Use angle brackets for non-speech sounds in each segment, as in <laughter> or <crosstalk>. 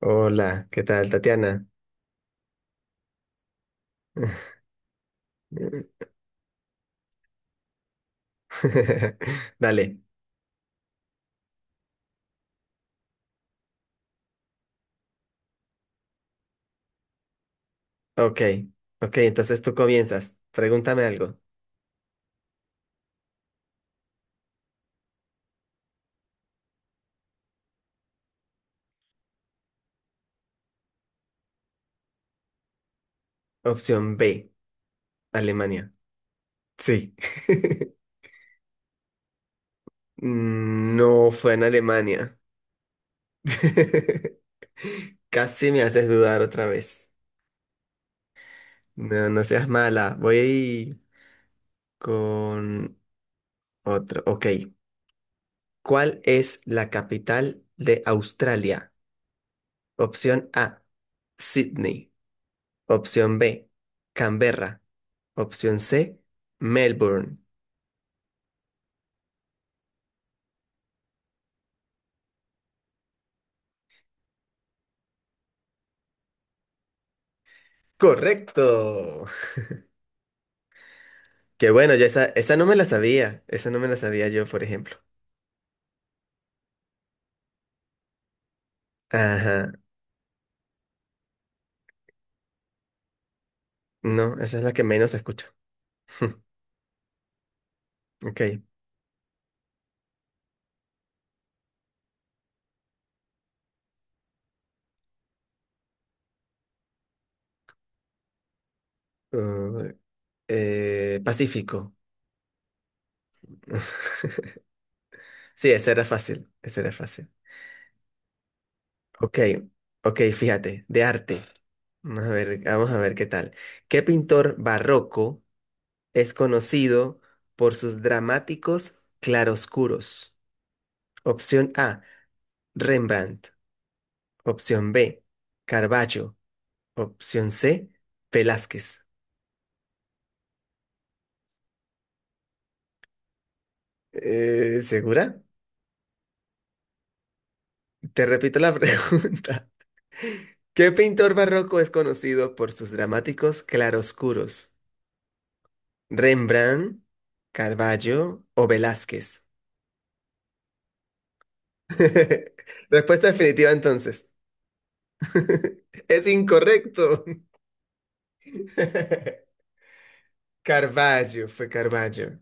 Hola, ¿qué tal, Tatiana? <laughs> Dale, ok, ok, entonces tú comienzas. Pregúntame algo. Opción B, Alemania. Sí. <laughs> No fue en Alemania. <laughs> Casi me haces dudar otra vez. No, no seas mala. Voy con otro. Ok, ¿cuál es la capital de Australia? Opción A, Sydney. Opción B, Canberra. Opción C, Melbourne. Correcto. Que bueno, yo esa, esa no me la sabía. Esa no me la sabía yo, por ejemplo. Ajá. No, esa es la que menos escucho. <laughs> Ok. Uh, Pacífico. <laughs> Sí, esa era fácil. Esa era fácil. Ok. Ok, fíjate. De arte. Vamos a ver qué tal. ¿Qué pintor barroco es conocido por sus dramáticos claroscuros? Opción A, Rembrandt. Opción B, Carballo. Opción C, Velázquez. ¿Segura? Te repito la <laughs> pregunta. ¿Qué pintor barroco es conocido por sus dramáticos claroscuros? ¿Rembrandt, Carballo o Velázquez? <laughs> Respuesta definitiva entonces. <laughs> Es incorrecto. <laughs> Carballo, fue Carballo.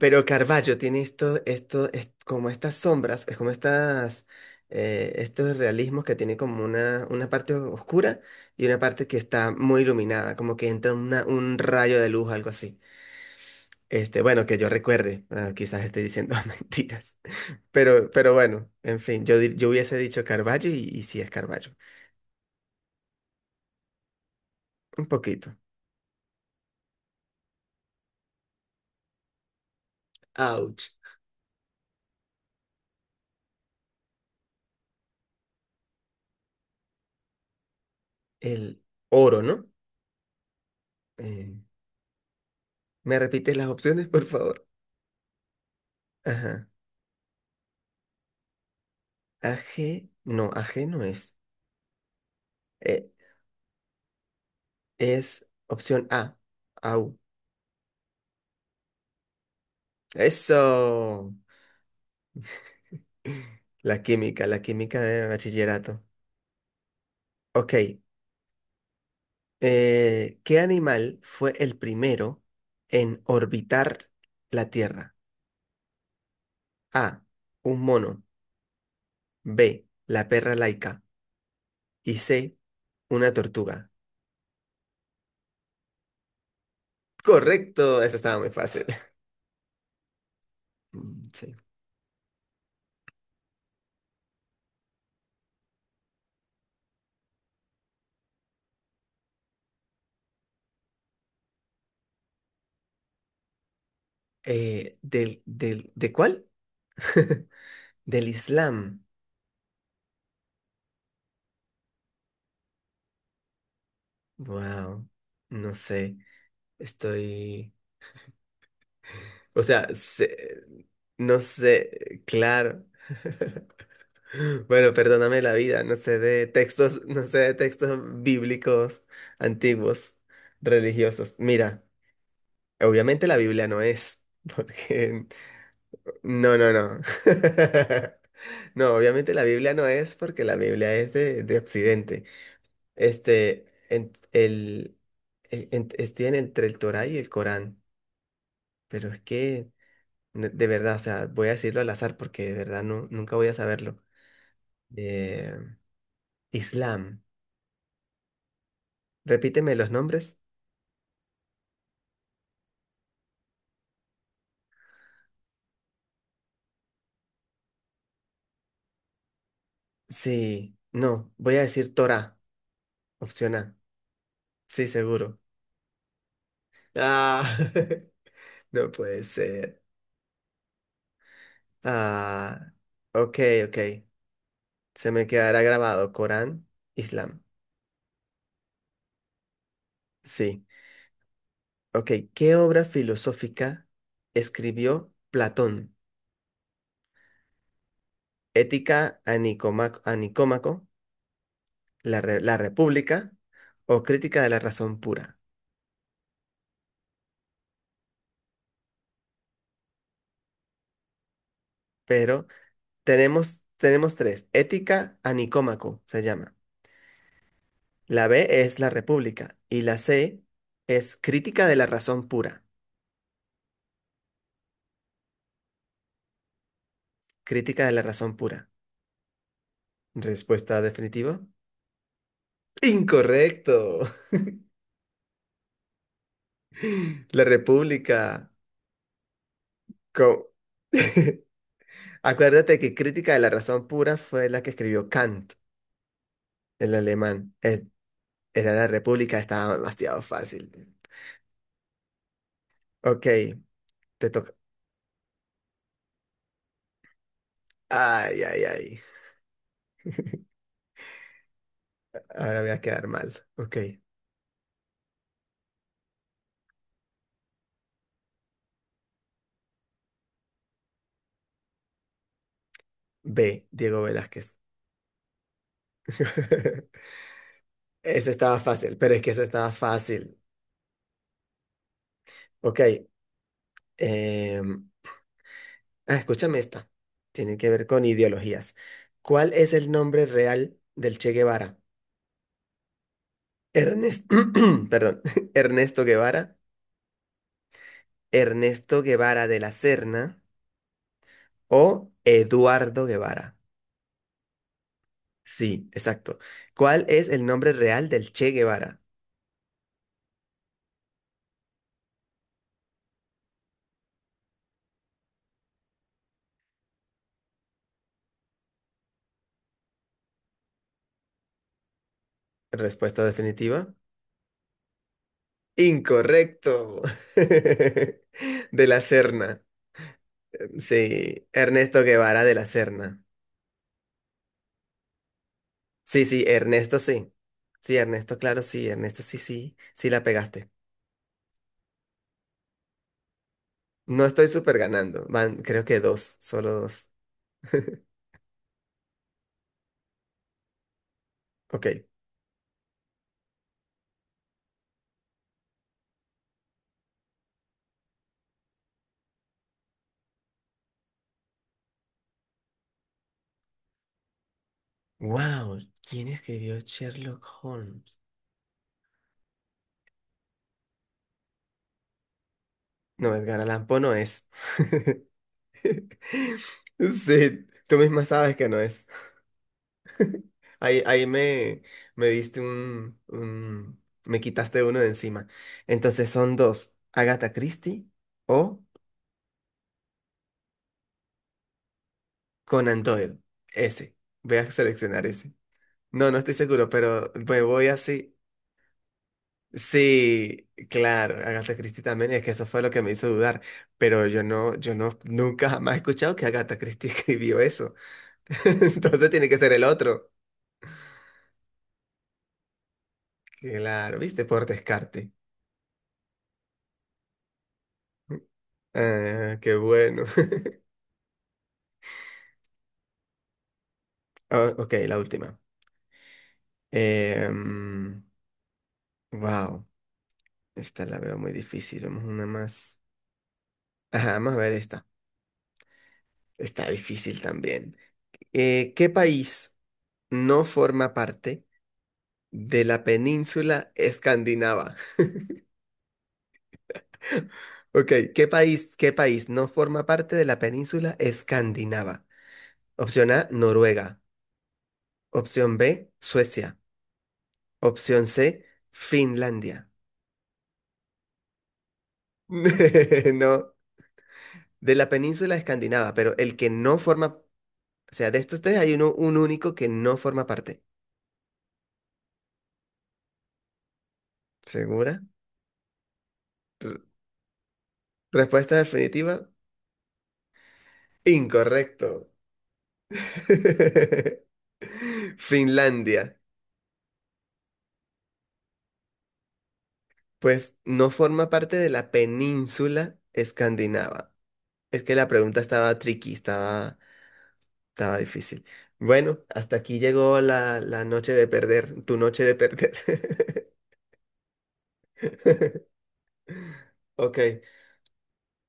Pero Caravaggio tiene esto, es como estas sombras, es como estas, estos realismos que tiene como una parte oscura y una parte que está muy iluminada, como que entra un rayo de luz, algo así. Este, bueno, que yo recuerde, ah, quizás esté diciendo <laughs> mentiras, pero bueno, en fin, yo, yo hubiese dicho Caravaggio y sí es Caravaggio, un poquito. Ouch, el oro, ¿no? Eh, ¿Me repites las opciones, por favor? Ajá. Aje no, aje no es. Eh, es opción A. Au. Eso. La química de bachillerato. Ok. ¿Qué animal fue el primero en orbitar la Tierra? A. Un mono. B. La perra laica. Y C. Una tortuga. Correcto. Esa estaba muy fácil. <laughs> Mm, sí. ¿De cuál? <laughs> Del Islam. Wow. No sé. Estoy. O sea, se- no sé, claro. <laughs> Bueno, perdóname la vida, no sé de textos, no sé de textos bíblicos antiguos, religiosos. Mira, obviamente la Biblia no es, <laughs> porque... No, no, no. <laughs> No, obviamente la Biblia no es porque la Biblia es de Occidente. Este, estoy en entre el Torá y el Corán, pero es que... No, de verdad, o sea, voy a decirlo al azar porque de verdad no, nunca voy a saberlo. Eh, Islam. Repíteme los nombres. Sí, no, voy a decir Torah, opción A. Sí, seguro. Ah, <laughs> no puede ser. Ah, ok, ok. Se me quedará grabado Corán, Islam. Sí, ok. ¿Qué obra filosófica escribió Platón? Ética a Nicómaco, la República o Crítica de la Razón Pura. Pero tenemos tres. Ética a Nicómaco se llama. La B es la República y la C es Crítica de la Razón Pura. Crítica de la Razón Pura. Respuesta definitiva. Incorrecto. <laughs> La República. Co- <laughs> Acuérdate que Crítica de la Razón Pura fue la que escribió Kant, el alemán. Era la República, estaba demasiado fácil. Ok, te toca. Ay, ay, ay. <laughs> Ahora voy a quedar mal. Ok. B, Diego Velázquez. <laughs> Ese estaba fácil, pero es que eso estaba fácil. Ok. em, escúchame esta. Tiene que ver con ideologías. ¿Cuál es el nombre real del Che Guevara? Ernest, <clears throat> perdón, <laughs> Ernesto Guevara, Ernesto Guevara de la Serna o Eduardo Guevara. Sí, exacto. ¿Cuál es el nombre real del Che Guevara? Respuesta definitiva. Incorrecto. <laughs> De la Serna. Sí, Ernesto Guevara de la Serna. Sí. Sí, Ernesto, claro, sí, Ernesto sí, sí, sí la pegaste. No estoy súper ganando. Van, creo que dos, solo dos. <laughs> Ok. Wow, ¿quién escribió Sherlock Holmes? No, Edgar Allan Poe no es. <laughs> Sí, tú misma sabes que no es. Ahí me diste me quitaste uno de encima. Entonces son dos. Agatha Christie o Conan Doyle. Ese. Voy a seleccionar ese. No, no estoy seguro, pero me voy así. Sí, claro, Agatha Christie también, es que eso fue lo que me hizo dudar, pero yo no, nunca jamás he escuchado que Agatha Christie <laughs> escribió eso. <laughs> Entonces tiene que ser el otro. Claro, viste, por descarte. Ah, qué bueno. <laughs> Ah, ok, la última. Wow, esta la veo muy difícil. Vamos a una más. Ajá, vamos a ver esta. Está difícil también. ¿Qué país no forma parte de la península escandinava? <laughs> Ok, ¿qué país no forma parte de la península escandinava? Opción A, Noruega. Opción B, Suecia. Opción C, Finlandia. <laughs> No, de la península escandinava, pero el que no forma. O sea, de estos tres hay uno, un único que no forma parte. ¿Segura? Respuesta definitiva, incorrecto. <laughs> Finlandia, pues no forma parte de la península escandinava. Es que la pregunta estaba tricky, estaba, estaba difícil. Bueno, hasta aquí llegó la noche de perder, tu noche de perder. <laughs> Ok,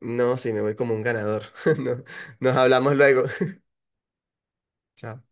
no, sí, me voy como un ganador. <laughs> No, nos hablamos luego. <laughs> Chao.